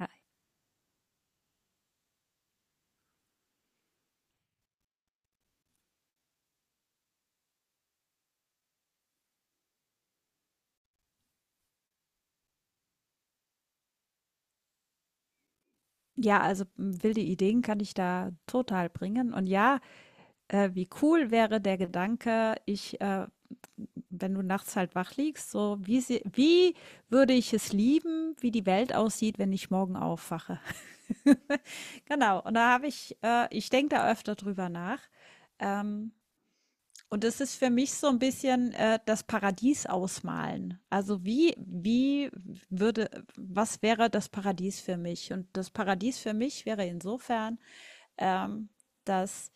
Ja, ja, also wilde Ideen kann ich da total bringen. Und ja, wie cool wäre der Gedanke: wenn du nachts halt wach liegst, so wie würde ich es lieben, wie die Welt aussieht, wenn ich morgen aufwache? Genau, und da ich denke da öfter drüber nach. Ähm, Und es ist für mich so ein bisschen, das Paradies ausmalen. Also, wie wie würde was wäre das Paradies für mich? Und das Paradies für mich wäre insofern, ähm, dass,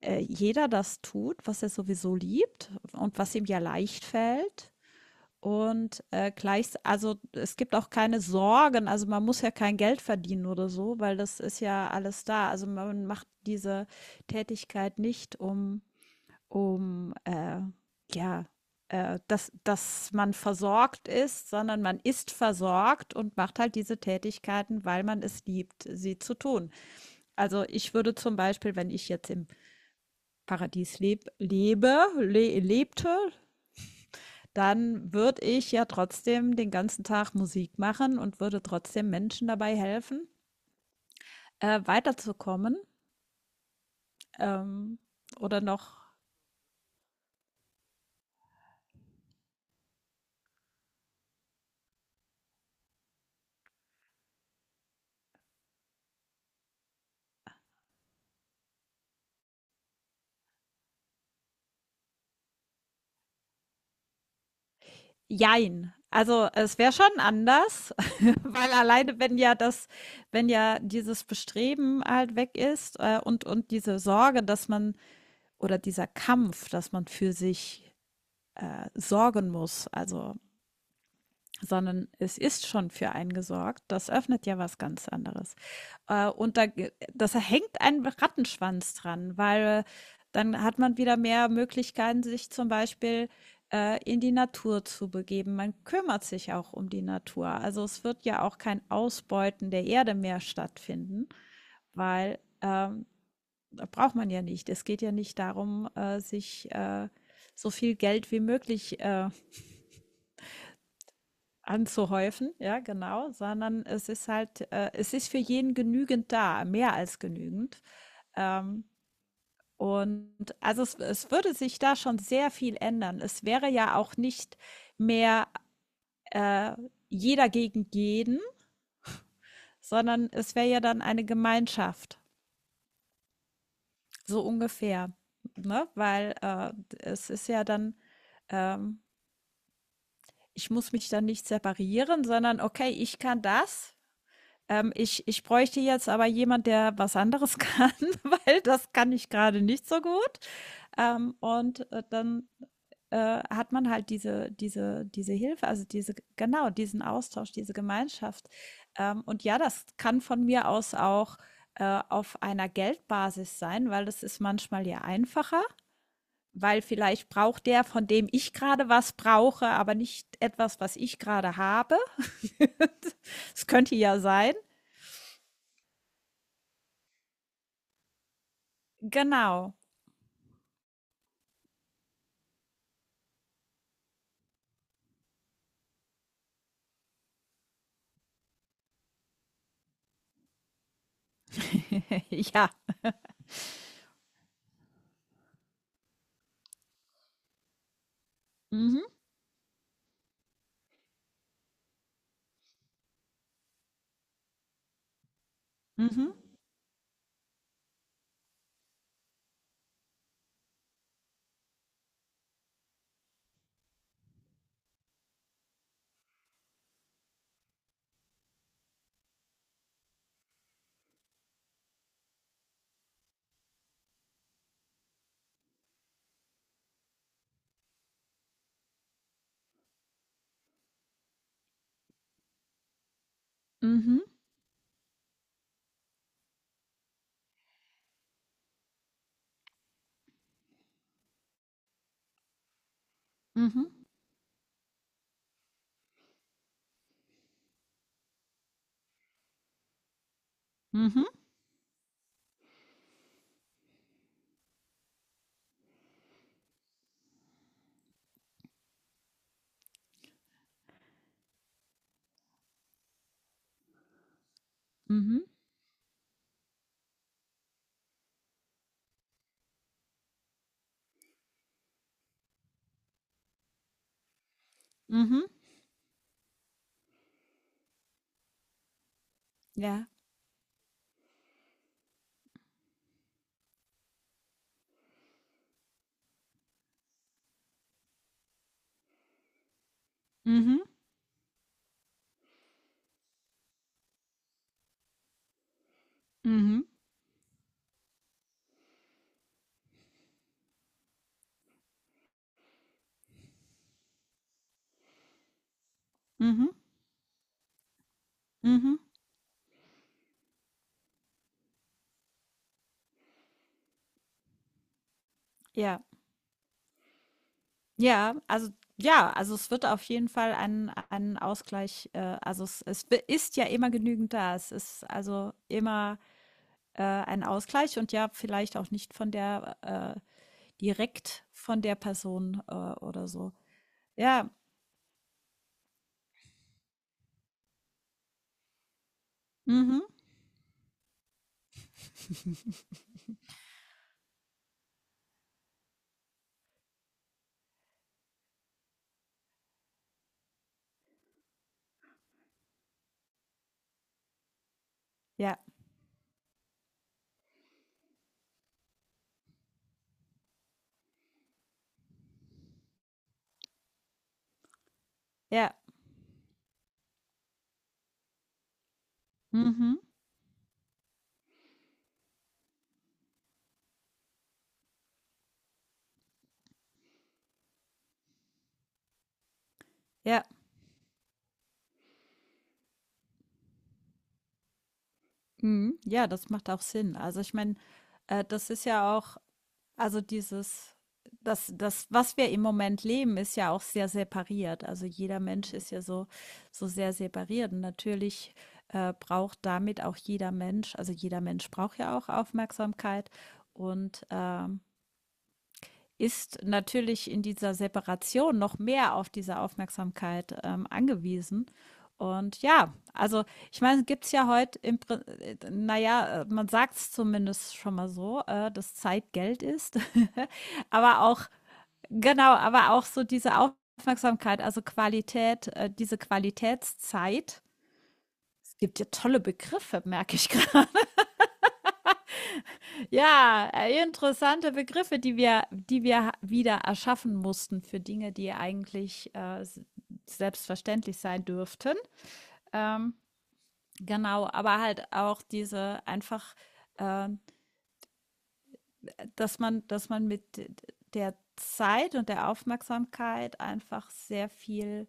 äh, jeder das tut, was er sowieso liebt und was ihm ja leicht fällt. Und, gleichs also, es gibt auch keine Sorgen. Also, man muss ja kein Geld verdienen oder so, weil das ist ja alles da. Also, man macht diese Tätigkeit nicht, um, ja, dass, dass man versorgt ist, sondern man ist versorgt und macht halt diese Tätigkeiten, weil man es liebt, sie zu tun. Also ich würde zum Beispiel, wenn ich jetzt im Paradies leb, lebe, le lebte, dann würde ich ja trotzdem den ganzen Tag Musik machen und würde trotzdem Menschen dabei weiterzukommen. Ähm, oder noch Jein. Also es wäre schon anders, weil alleine, wenn ja das, wenn ja dieses Bestreben halt weg ist, und diese Sorge, dass man, oder dieser Kampf, dass man für sich sorgen muss. Sondern es ist schon für einen gesorgt. Das öffnet ja was ganz anderes. Und da, das hängt ein Rattenschwanz dran, weil dann hat man wieder mehr Möglichkeiten, sich zum Beispiel in die Natur zu begeben. Man kümmert sich auch um die Natur. Also es wird ja auch kein Ausbeuten der Erde mehr stattfinden, weil da braucht man ja nicht. Es geht ja nicht darum, sich so viel Geld wie möglich anzuhäufen, ja, genau, sondern es ist halt, es ist für jeden genügend da, mehr als genügend. Ähm, und also es würde sich da schon sehr viel ändern. Es wäre ja auch nicht mehr äh, jeder gegen jeden, sondern es wäre ja dann eine Gemeinschaft, so ungefähr, ne? Weil es ist ja dann, ähm, ich muss mich dann nicht separieren, sondern okay, ich kann das. Ich bräuchte jetzt aber jemand, der was anderes kann, weil das kann ich gerade nicht so gut. Dann hat man halt diese Hilfe, also diese genau, diesen Austausch, diese Gemeinschaft. Ja, das kann von mir aus auch auf einer Geldbasis sein, weil das ist manchmal ja einfacher, weil vielleicht braucht der, von dem ich gerade was brauche, aber nicht etwas, was ich gerade habe. Es könnte ja sein. Genau. Ja. Mhm. Mhm. Mhm. Mhm. Mhm. Mhm. Mhm. Ja. Mhm. Mhm. Mhm. Mhm. Ja. Ja, also ja, also es wird auf jeden Fall ein Ausgleich, also es, ist ja immer genügend da. Es ist also immer ein Ausgleich und ja, vielleicht auch nicht von der äh, direkt von der Person oder so. Ja. Mhm. Ja. Ja. Mhm. Ja. Mhm. Ja, das macht auch Sinn. Also ich meine, das ist ja auch. Also dieses das das, was wir im Moment leben, ist ja auch sehr separiert. Also jeder Mensch ist ja so so sehr separiert und natürlich, braucht damit auch jeder Mensch also jeder Mensch braucht ja auch Aufmerksamkeit und, ist natürlich in dieser Separation noch mehr auf diese Aufmerksamkeit angewiesen. Und ja, also ich meine, gibt es ja heute, man sagt es zumindest schon mal so, dass Zeit Geld ist. Aber auch, genau, aber auch so diese Aufmerksamkeit, also Qualität, diese Qualitätszeit. Es gibt ja tolle Begriffe, merke ich gerade. Ja, Interessante Begriffe, die wir wieder erschaffen mussten für Dinge, die eigentlich selbstverständlich sein dürften. Ähm, genau, aber halt auch diese einfach, äh, dass man mit der Zeit und der Aufmerksamkeit einfach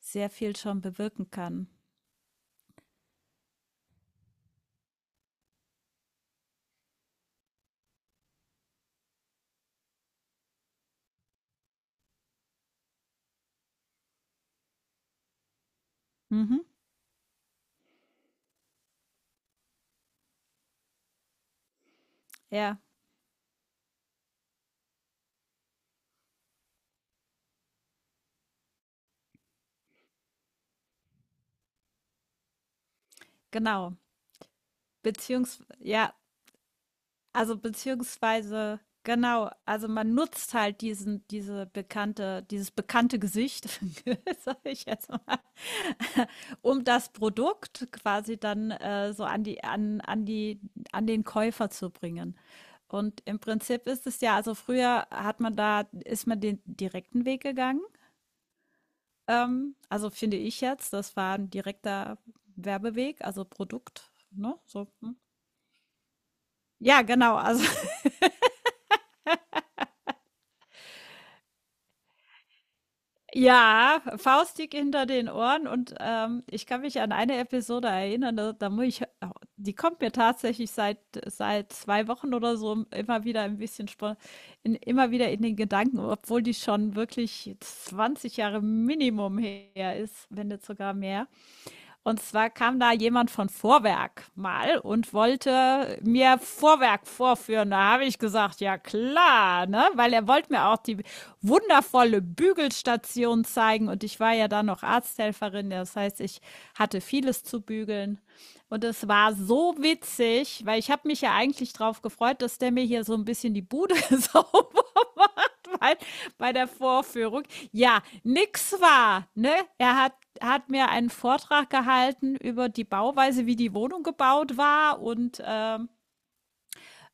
sehr viel schon bewirken kann. Mhm. Ja, genau. Beziehungsweise, ja, also, beziehungsweise genau, also, man nutzt halt diesen diese bekannte dieses bekannte Gesicht, sage ich jetzt mal, um das Produkt quasi dann so an die an den Käufer zu bringen. Und im Prinzip ist es ja also, früher hat man da ist man den direkten Weg gegangen, also, finde ich jetzt, das war ein direkter Werbeweg, also, Produkt, ne, so, hm. Ja, genau, also ja, faustdick hinter den Ohren und, ich kann mich an eine Episode erinnern, da muss ich, die kommt mir tatsächlich seit 2 Wochen oder so immer wieder ein bisschen spo in immer wieder in den Gedanken, obwohl die schon wirklich 20 Jahre Minimum her ist, wenn nicht sogar mehr. Und zwar kam da jemand von Vorwerk mal und wollte mir Vorwerk vorführen. Da habe ich gesagt, ja klar, ne? Weil er wollte mir auch die wundervolle Bügelstation zeigen. Und ich war ja dann noch Arzthelferin. Das heißt, ich hatte vieles zu bügeln. Und es war so witzig, weil ich habe mich ja eigentlich drauf gefreut, dass der mir hier so ein bisschen die Bude sauber bei, bei der Vorführung. Ja, nix war. Ne? Er hat, hat mir einen Vortrag gehalten über die Bauweise, wie die Wohnung gebaut war und ähm,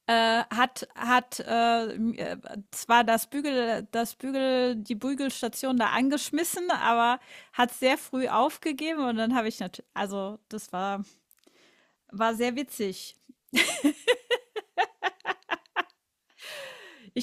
äh, hat zwar das Bügel die Bügelstation da angeschmissen, aber hat sehr früh aufgegeben und dann habe ich natürlich also das war war sehr witzig.